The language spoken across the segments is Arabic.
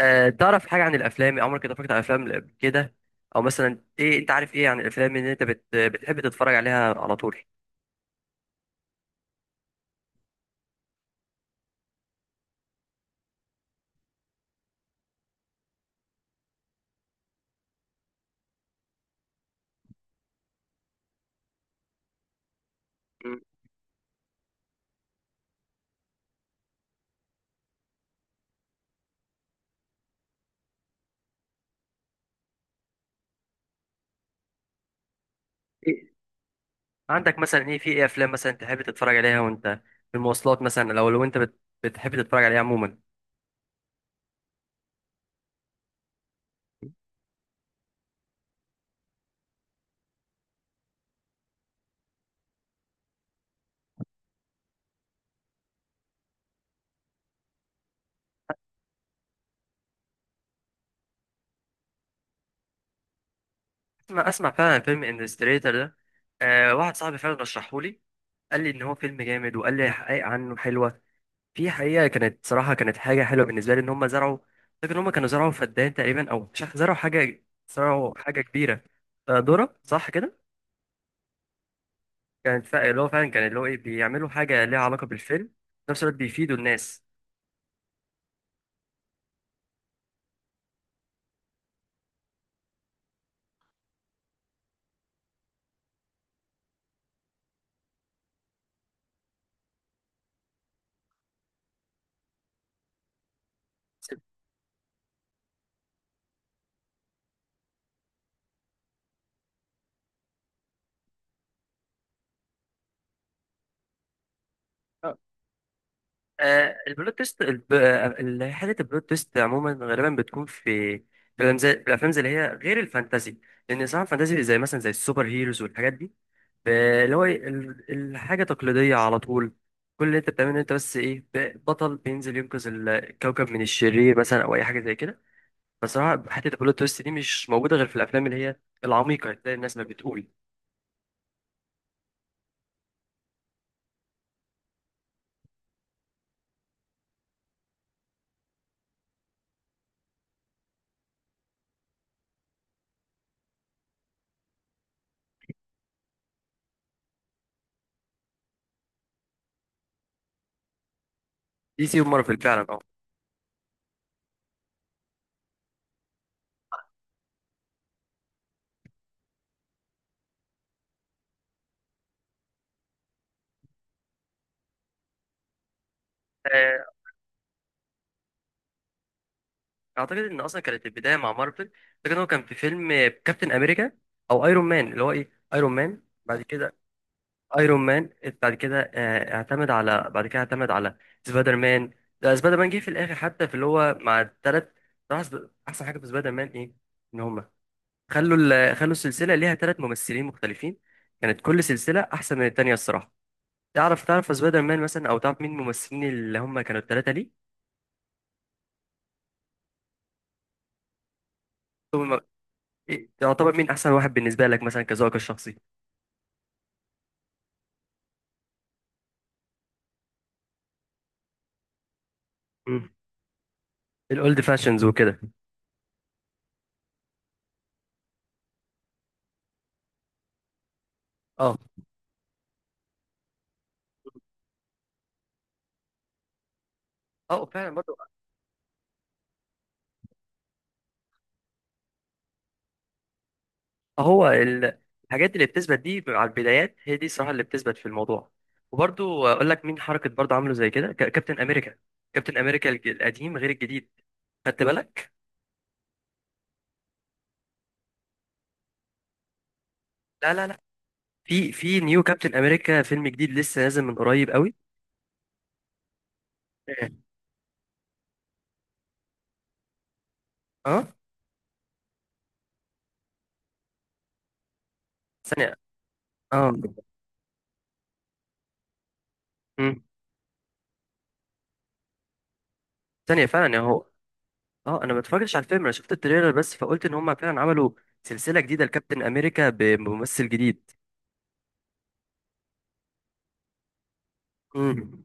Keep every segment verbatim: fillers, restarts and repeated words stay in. أه تعرف حاجة عن الأفلام، عمرك اتفرجت على أفلام قبل كده؟ أو مثلا إيه أنت عارف إيه عن الأفلام إن أنت بت... بتحب تتفرج عليها على طول؟ مم. إيه؟ عندك مثلا إيه، في إيه أفلام مثلا تحب تتفرج عليها وأنت في المواصلات، مثلا أو لو أنت بت... بتحب تتفرج عليها عموما؟ أسمع أسمع فعلا عن فيلم انستريتور ده. أه واحد صاحبي فعلا رشحهولي، قال لي إن هو فيلم جامد، وقال لي حقائق عنه حلوة. في حقيقة كانت صراحة كانت حاجة حلوة بالنسبة لي إن هم زرعوا. فاكر إن هم كانوا زرعوا فدان تقريبا، أو مش عارف، زرعوا حاجة زرعوا حاجة كبيرة. آه، ذرة، صح كده. كانت فا- اللي هو فعلا كان اللي هو إيه بيعملوا حاجة ليها علاقة بالفيلم، في نفس الوقت بيفيدوا الناس. آه، البلوت تويست، الب- آه، ال- حته البلوت تويست عموما غالبا بتكون في في الأفلام زي في الأفلام زي اللي هي غير الفانتازي. لأن صراحة الفانتازي زي مثلا زي السوبر هيروز والحاجات دي، ب- اللي هو إيه، ال- الحاجة تقليدية على طول. كل اللي أنت بتعمله إن أنت بس إيه ب- بطل بينزل ينقذ الكوكب من الشرير مثلا، أو أي حاجة زي كده. فصراحة حتة البلوت تويست دي مش موجودة غير في الأفلام اللي هي العميقة، زي الناس ما بتقول. دي سي ومارفل فعلا. أه اعتقد ان اصلا كانت البدايه مع مارفل. فاكر إن هو كان في فيلم كابتن امريكا، او ايرون مان، اللي هو ايه ايرون مان بعد كده ايرون مان، بعد كده آه، اعتمد على، بعد كده اعتمد على سبايدر مان. ده سبايدر مان جه في الاخر، حتى في اللي هو مع الثلاث. احسن حاجه في سبايدر مان ايه؟ ان هما خلوا ال... خلوا السلسله ليها ثلاث ممثلين مختلفين. كانت كل سلسله احسن من التانيه الصراحه. تعرف تعرف سبايدر مان مثلا، او تعرف مين الممثلين اللي هم كانوا الثلاثه ليه؟ ثم، إيه، تعتبر مين احسن واحد بالنسبه لك، مثلا كذوقك الشخصي؟ مم. الاولد فاشنز وكده. اه، اه، فعلا برضو. هو ال- الحاجات اللي بتثبت دي على البدايات هي دي الصراحه اللي بتثبت في الموضوع. وبرضو اقول لك مين حركه برضو عامله زي كده، ك- كابتن امريكا. كابتن امريكا الج- القديم غير الجديد. خدت بالك؟ لا، لا، لا، في في نيو كابتن امريكا، فيلم جديد لسه نازل من قريب قوي. إيه؟ اه. ثانيه. اه. مم. ثانيه فعلا يا هو. اه انا ما اتفرجتش على الفيلم، انا شفت التريلر بس، فقلت ان هم فعلا عملوا سلسله جديده لكابتن امريكا بممثل جديد. امم.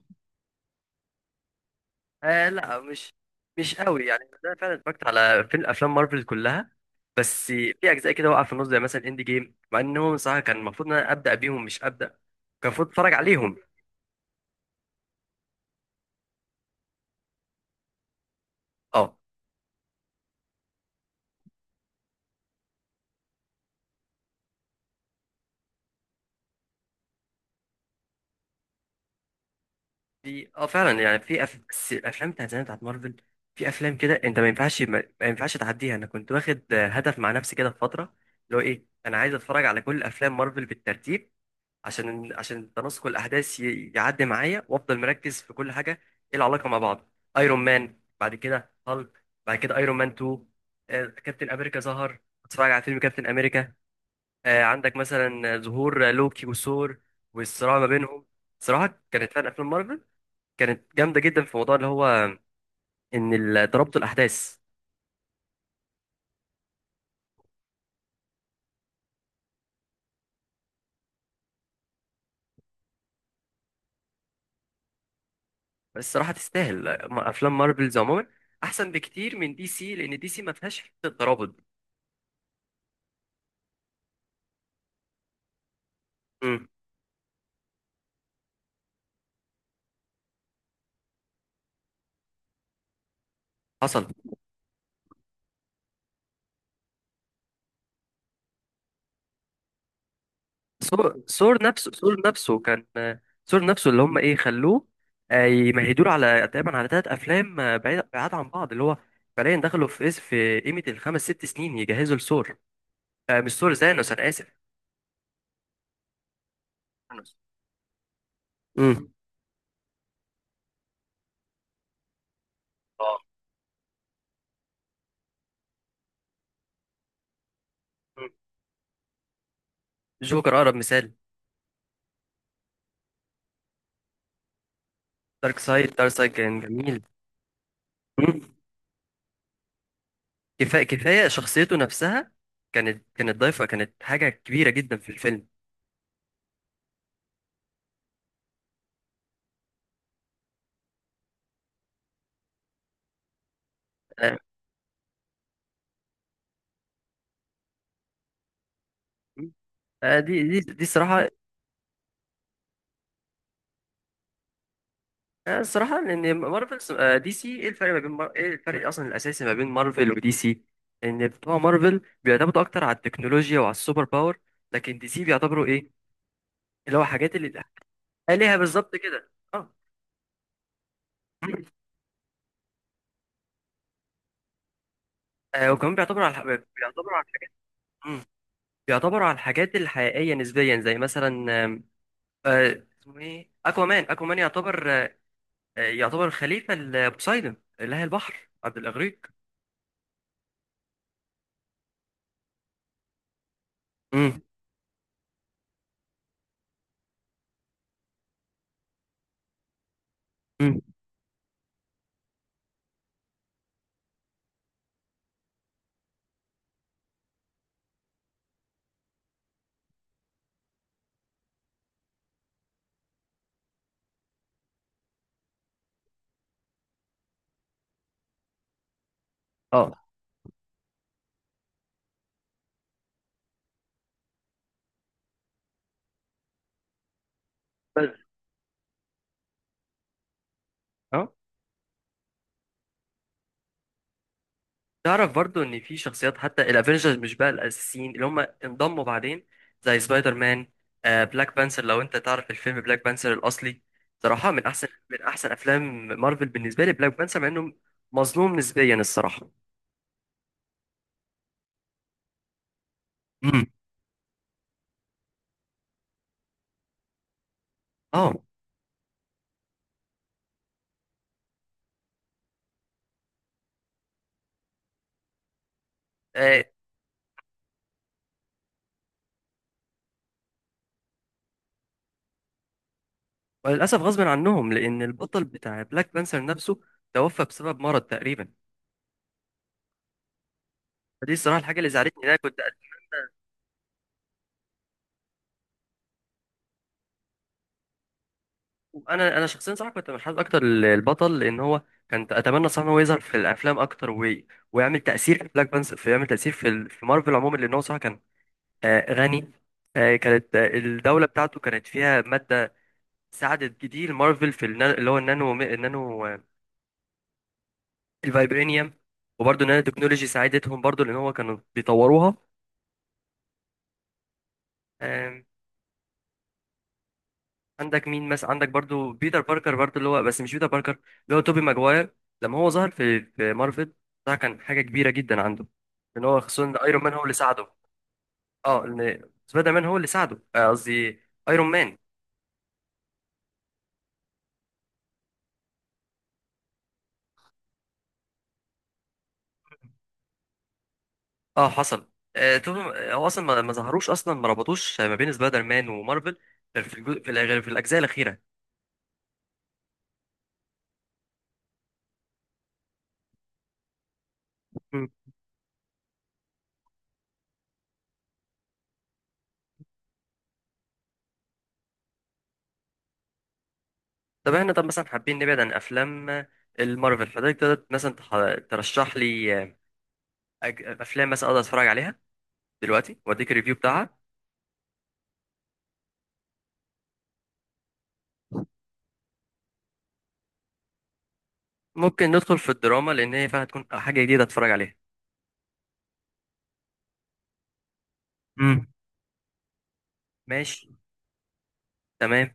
آه لا، مش مش قوي يعني، انا فعلا اتفرجت على فيلم افلام مارفل كلها. بس في اجزاء كده وقع في النص زي مثلا اند جيم، مع انهم صراحه كان المفروض ان انا ابدا بيهم، مش ابدا. كان المفروض اتفرج عليهم. اه في اه فعلا يعني، في أف... بس الافلام بتاعت زمان بتاعت مارفل. في افلام كده انت ما ينفعش ما, ما ينفعش تعديها، انا كنت واخد آه، هدف مع نفسي كده في فتره. اللي هو ايه انا عايز اتفرج على كل افلام مارفل بالترتيب، عشان عشان تناسق الاحداث، ي- يعدي معايا وافضل مركز في كل حاجه. ايه العلاقه مع بعض. ايرون مان، بعد كده هالك، بعد كده ايرون مان تو، آه، كابتن امريكا ظهر. اتفرج على فيلم كابتن امريكا. آه، عندك مثلا ظهور آه، لوكي وثور، والصراع ما بينهم. صراحه كانت فعلا افلام مارفل كانت جامده جدا في موضوع اللي هو ان ال- ترابط الاحداث. بس الصراحه تستاهل. آه، افلام مارفلز عموما احسن بكتير من دي سي، لان دي سي ما فيهاش حته ترابط. مم. حصل. سور سور نفسه، سور نفسه كان. سور نفسه اللي هم ايه خلوه، آه، يمهدوا له على تقريبا على ثلاث افلام، آه، بعيد بعاد عن بعض اللي هو فعليا دخلوا في اس في قيمه الخمس ست سنين يجهزوا لسور. آه، مش سور، زانوس، انا اسف. ثانوس. امم. اه. مم. جوكر اقرب مثال. دارك سايد دارك سايد كان جميل. مم. كفايه، كفايه شخصيته نفسها كانت كانت ضايفه، كانت حاجه كبيره جدا في الفيلم. آه، آه، دي دي دي الصراحه. آه، الصراحة إن مارفل، آه، دي سي، إيه الفرق ما بين مار... إيه الفرق أصلا الأساسي ما بين مارفل ودي سي؟ إن بتوع مارفل بيعتمدوا أكتر على التكنولوجيا وعلى السوبر باور، لكن دي سي بيعتبروا إيه؟ اللي هو حاجات اللي، آلهة بالظبط كده، أه. آه، وكمان بيعتبروا على الح- بيعتبروا على الحاجات. مم. بيعتبروا على الحاجات الحقيقية نسبيا، زي مثلا آم، آه، اسمه إيه؟ أكوامان أكوامان يعتبر، آه، يعتبر خليفة لبوسايدون، إله البحر عبد الإغريق. مم. مم. اه. بس. اه. تعرف برضو ان في شخصيات حتى الافينجرز مش بقى الاساسيين، اللي هم انضموا بعدين. زي سبايدر مان. آه بلاك بانثر، لو انت تعرف الفيلم بلاك بانثر الاصلي. صراحة من احسن من احسن افلام مارفل بالنسبة لي بلاك بانثر، مع انه مظلوم نسبيا الصراحة. امم. اه. آه، وللاسف غصب عنهم، لان البطل بتاع بلاك بانثر نفسه توفى بسبب مرض تقريبا. فدي الصراحة الحاجة اللي زعلتني، إن انا كنت. انا انا شخصيا صراحه كنت منحاز اكتر للبطل لان هو كان، اتمنى صراحه ان هو يظهر في الافلام اكتر وي... ويعمل تاثير في بلاك بانس، في يعمل تاثير في ال- في مارفل عموما، لان هو صراحه كان آه، غني، آه، كانت آه، الدوله بتاعته كانت فيها ماده ساعدت كتير مارفل في النا... اللي هو النانو النانو، آه، الفايبرينيوم. وبرضه النانو تكنولوجي ساعدتهم برضه، لان هو كانوا بيطوروها. عندك مين مثلا، عندك برضو بيتر باركر برضو اللي هو، بس مش بيتر باركر، اللي هو توبي ماجواير. لما هو ظهر في في مارفل، ده كان حاجه كبيره جدا عنده، ان هو خصوصا ان ايرون مان هو اللي ساعده. اه ان سبايدر مان هو اللي ساعده، آه، قصدي ايرون مان. اه حصل. آه توبي، هو اصلا ما ما ظهروش، اصلا ما ربطوش ما بين سبايدر مان ومارفل، غير في الجو... في, الأ- غير في الاجزاء الاخيره. مم. طب احنا طب مثلا حابين نبعد عن افلام، آه، المارفل، فده تقدر مثلا تح- ترشح لي، آه، أج- افلام مثلا اقدر اتفرج عليها دلوقتي واديك الريفيو بتاعها؟ ممكن ندخل في الدراما لان هي فعلا هتكون حاجه جديده اتفرج عليها. امم. ماشي. تمام.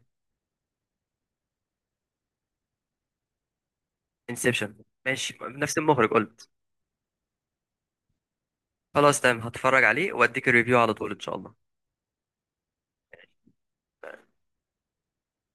انسبشن، ماشي، نفس المخرج قلت. خلاص تمام، هتفرج عليه واديك الريفيو على طول ان شاء الله.